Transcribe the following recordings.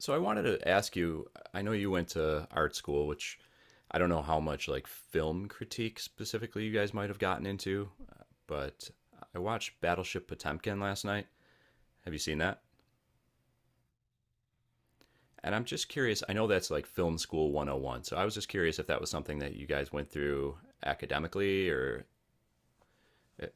So I wanted to ask you, I know you went to art school, which I don't know how much like film critique specifically you guys might have gotten into, but I watched Battleship Potemkin last night. Have you seen that? And I'm just curious, I know that's like film school 101. So I was just curious if that was something that you guys went through academically or eh,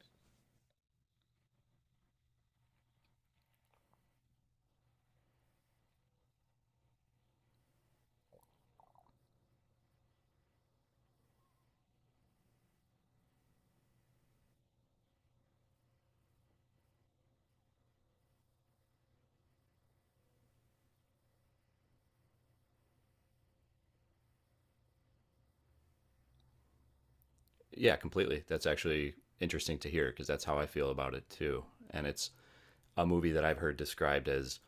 yeah, completely. That's actually interesting to hear because that's how I feel about it too. And it's a movie that I've heard described as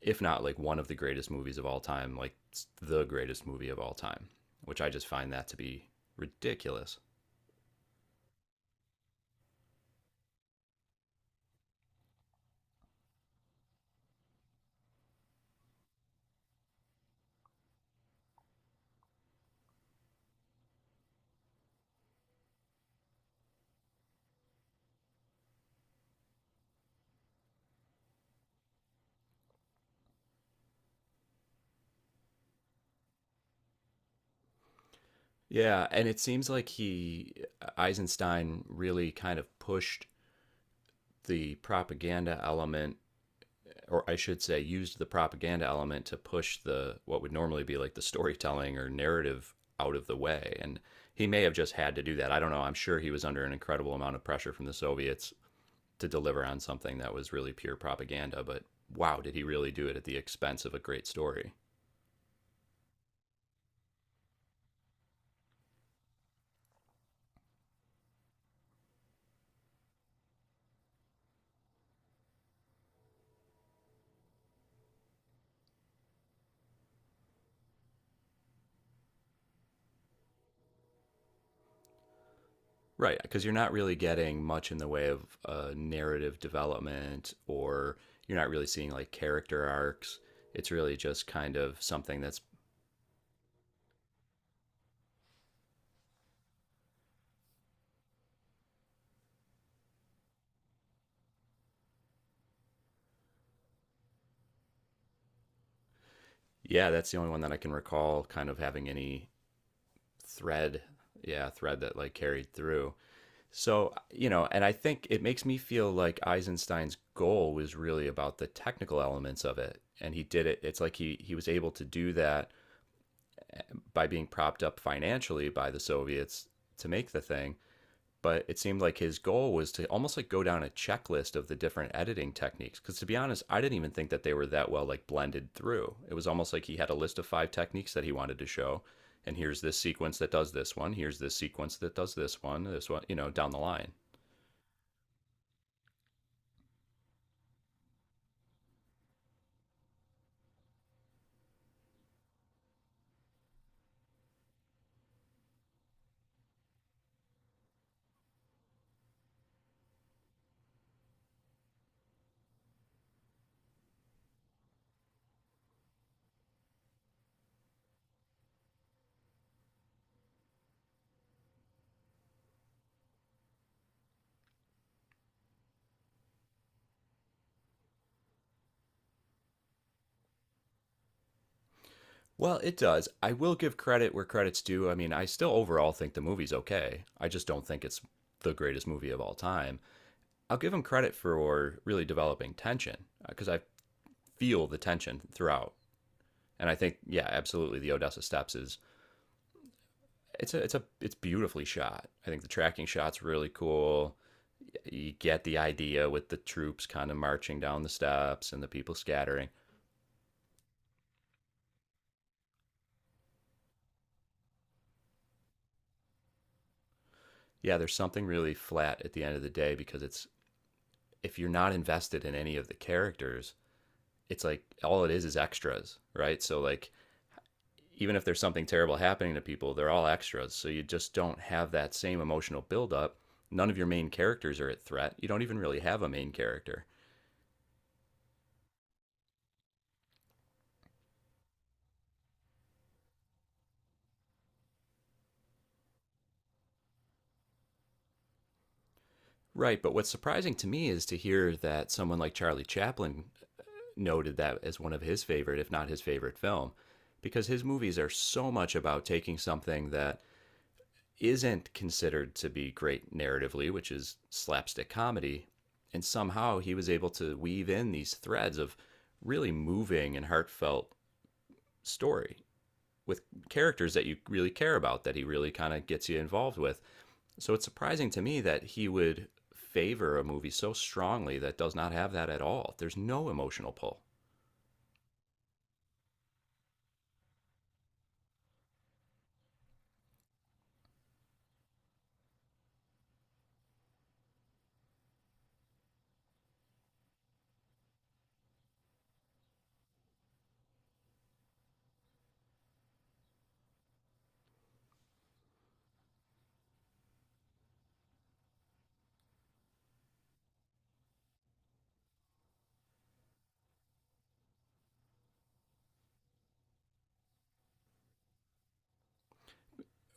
if not like one of the greatest movies of all time, like the greatest movie of all time, which I just find that to be ridiculous. Yeah, and it seems like he Eisenstein really kind of pushed the propaganda element, or I should say used the propaganda element to push the what would normally be like the storytelling or narrative out of the way. And he may have just had to do that. I don't know. I'm sure he was under an incredible amount of pressure from the Soviets to deliver on something that was really pure propaganda, but wow, did he really do it at the expense of a great story? Right, because you're not really getting much in the way of narrative development, or you're not really seeing like character arcs. It's really just kind of something that's, yeah, that's the only one that I can recall kind of having any thread, yeah, thread that like carried through. So, you know, and I think it makes me feel like Eisenstein's goal was really about the technical elements of it. And he did it. It's like he was able to do that by being propped up financially by the Soviets to make the thing. But it seemed like his goal was to almost like go down a checklist of the different editing techniques. Because to be honest, I didn't even think that they were that well like blended through. It was almost like he had a list of five techniques that he wanted to show. And here's this sequence that does this one. Here's this sequence that does this one. This one, you know, down the line. Well, it does. I will give credit where credit's due. I mean, I still overall think the movie's okay. I just don't think it's the greatest movie of all time. I'll give him credit for really developing tension because I feel the tension throughout. And I think, yeah, absolutely, the Odessa Steps is it's beautifully shot. I think the tracking shot's really cool. You get the idea with the troops kind of marching down the steps and the people scattering. Yeah, there's something really flat at the end of the day because it's if you're not invested in any of the characters, it's like all it is extras, right? So like even if there's something terrible happening to people, they're all extras. So you just don't have that same emotional buildup. None of your main characters are at threat. You don't even really have a main character. Right, but what's surprising to me is to hear that someone like Charlie Chaplin noted that as one of his favorite, if not his favorite film, because his movies are so much about taking something that isn't considered to be great narratively, which is slapstick comedy. And somehow he was able to weave in these threads of really moving and heartfelt story with characters that you really care about, that he really kind of gets you involved with. So it's surprising to me that he would favor a movie so strongly that does not have that at all. There's no emotional pull.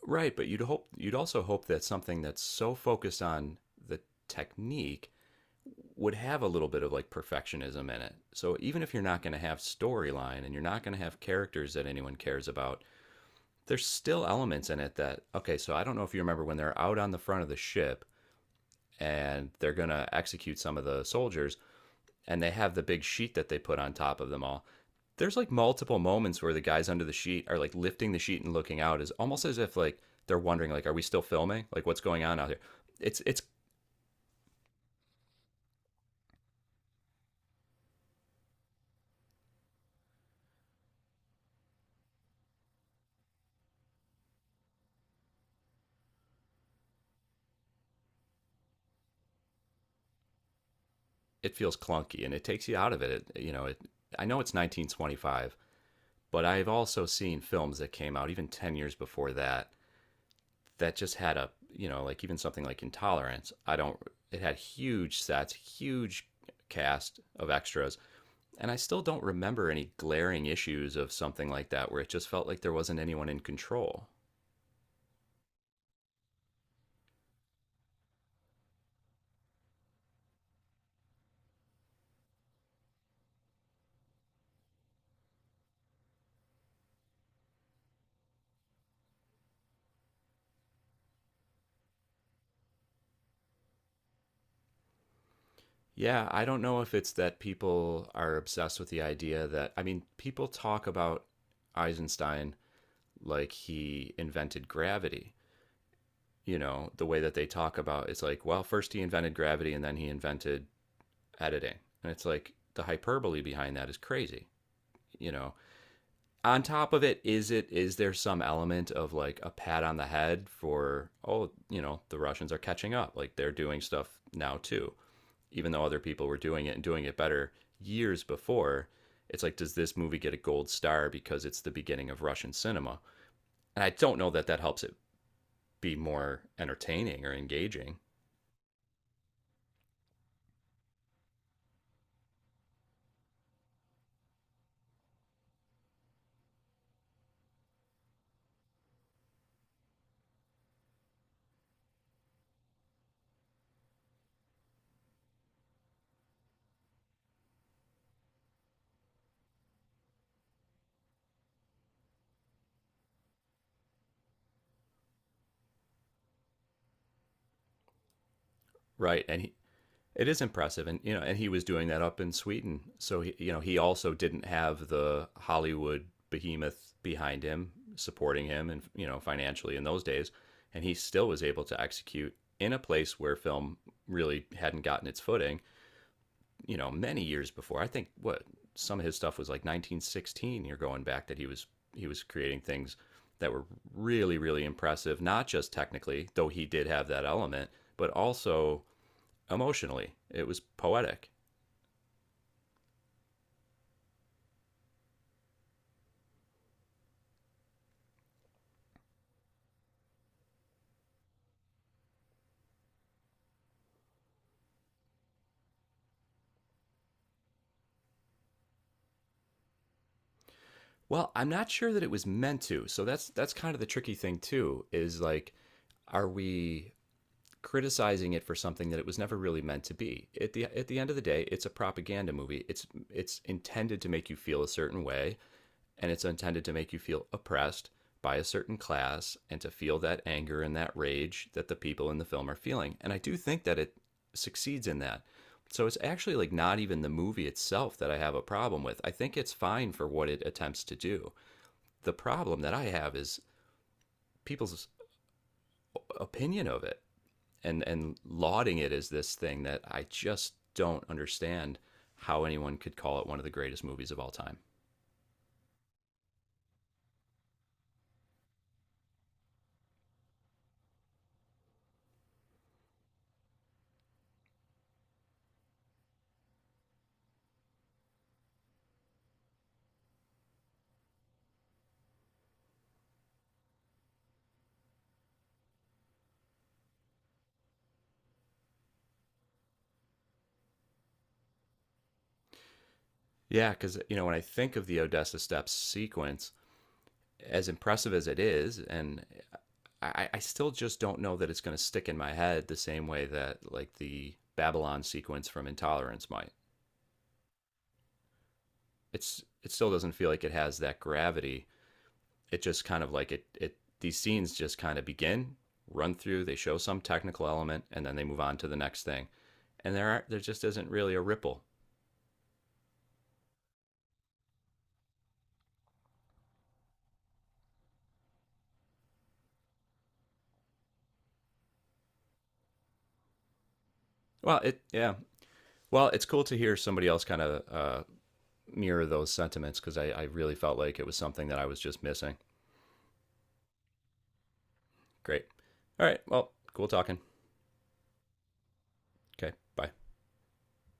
Right, but you'd also hope that something that's so focused on the technique would have a little bit of like perfectionism in it. So even if you're not going to have storyline and you're not going to have characters that anyone cares about, there's still elements in it that okay, so I don't know if you remember when they're out on the front of the ship and they're going to execute some of the soldiers and they have the big sheet that they put on top of them all. There's like multiple moments where the guys under the sheet are like lifting the sheet and looking out is almost as if like they're wondering like are we still filming? Like what's going on out here? It's it feels clunky and it takes you out of it. I know it's 1925, but I've also seen films that came out even 10 years before that that just had a, you know, like even something like Intolerance. I don't, it had huge sets, huge cast of extras. And I still don't remember any glaring issues of something like that where it just felt like there wasn't anyone in control. Yeah, I don't know if it's that people are obsessed with the idea that, I mean, people talk about Eisenstein like he invented gravity. You know, the way that they talk about it's like, well, first he invented gravity and then he invented editing. And it's like the hyperbole behind that is crazy, you know. On top of it, is there some element of like a pat on the head for oh, you know, the Russians are catching up. Like they're doing stuff now too. Even though other people were doing it and doing it better years before, it's like does this movie get a gold star because it's the beginning of Russian cinema? And I don't know that that helps it be more entertaining or engaging, right? It is impressive, and you know, and he was doing that up in Sweden, so he, you know, he also didn't have the Hollywood behemoth behind him supporting him, and you know, financially in those days, and he still was able to execute in a place where film really hadn't gotten its footing, you know, many years before. I think what some of his stuff was like 1916. You're going back that he was creating things that were really really impressive, not just technically, though he did have that element, but also emotionally. It was poetic. Well, I'm not sure that it was meant to. So that's kind of the tricky thing too. Is like, are we criticizing it for something that it was never really meant to be. At the end of the day, it's a propaganda movie. It's intended to make you feel a certain way, and it's intended to make you feel oppressed by a certain class and to feel that anger and that rage that the people in the film are feeling. And I do think that it succeeds in that. So it's actually like not even the movie itself that I have a problem with. I think it's fine for what it attempts to do. The problem that I have is people's opinion of it and lauding it as this thing that I just don't understand how anyone could call it one of the greatest movies of all time. Yeah, cuz you know when I think of the Odessa Steps sequence, as impressive as it is, and I still just don't know that it's going to stick in my head the same way that like the Babylon sequence from Intolerance might. It's it still doesn't feel like it has that gravity. It just kind of like it these scenes just kind of begin, run through, they show some technical element, and then they move on to the next thing. And there just isn't really a ripple. Well, it yeah. Well, it's cool to hear somebody else kind of mirror those sentiments because I really felt like it was something that I was just missing. Great. All right. Well, cool talking. Okay. Bye.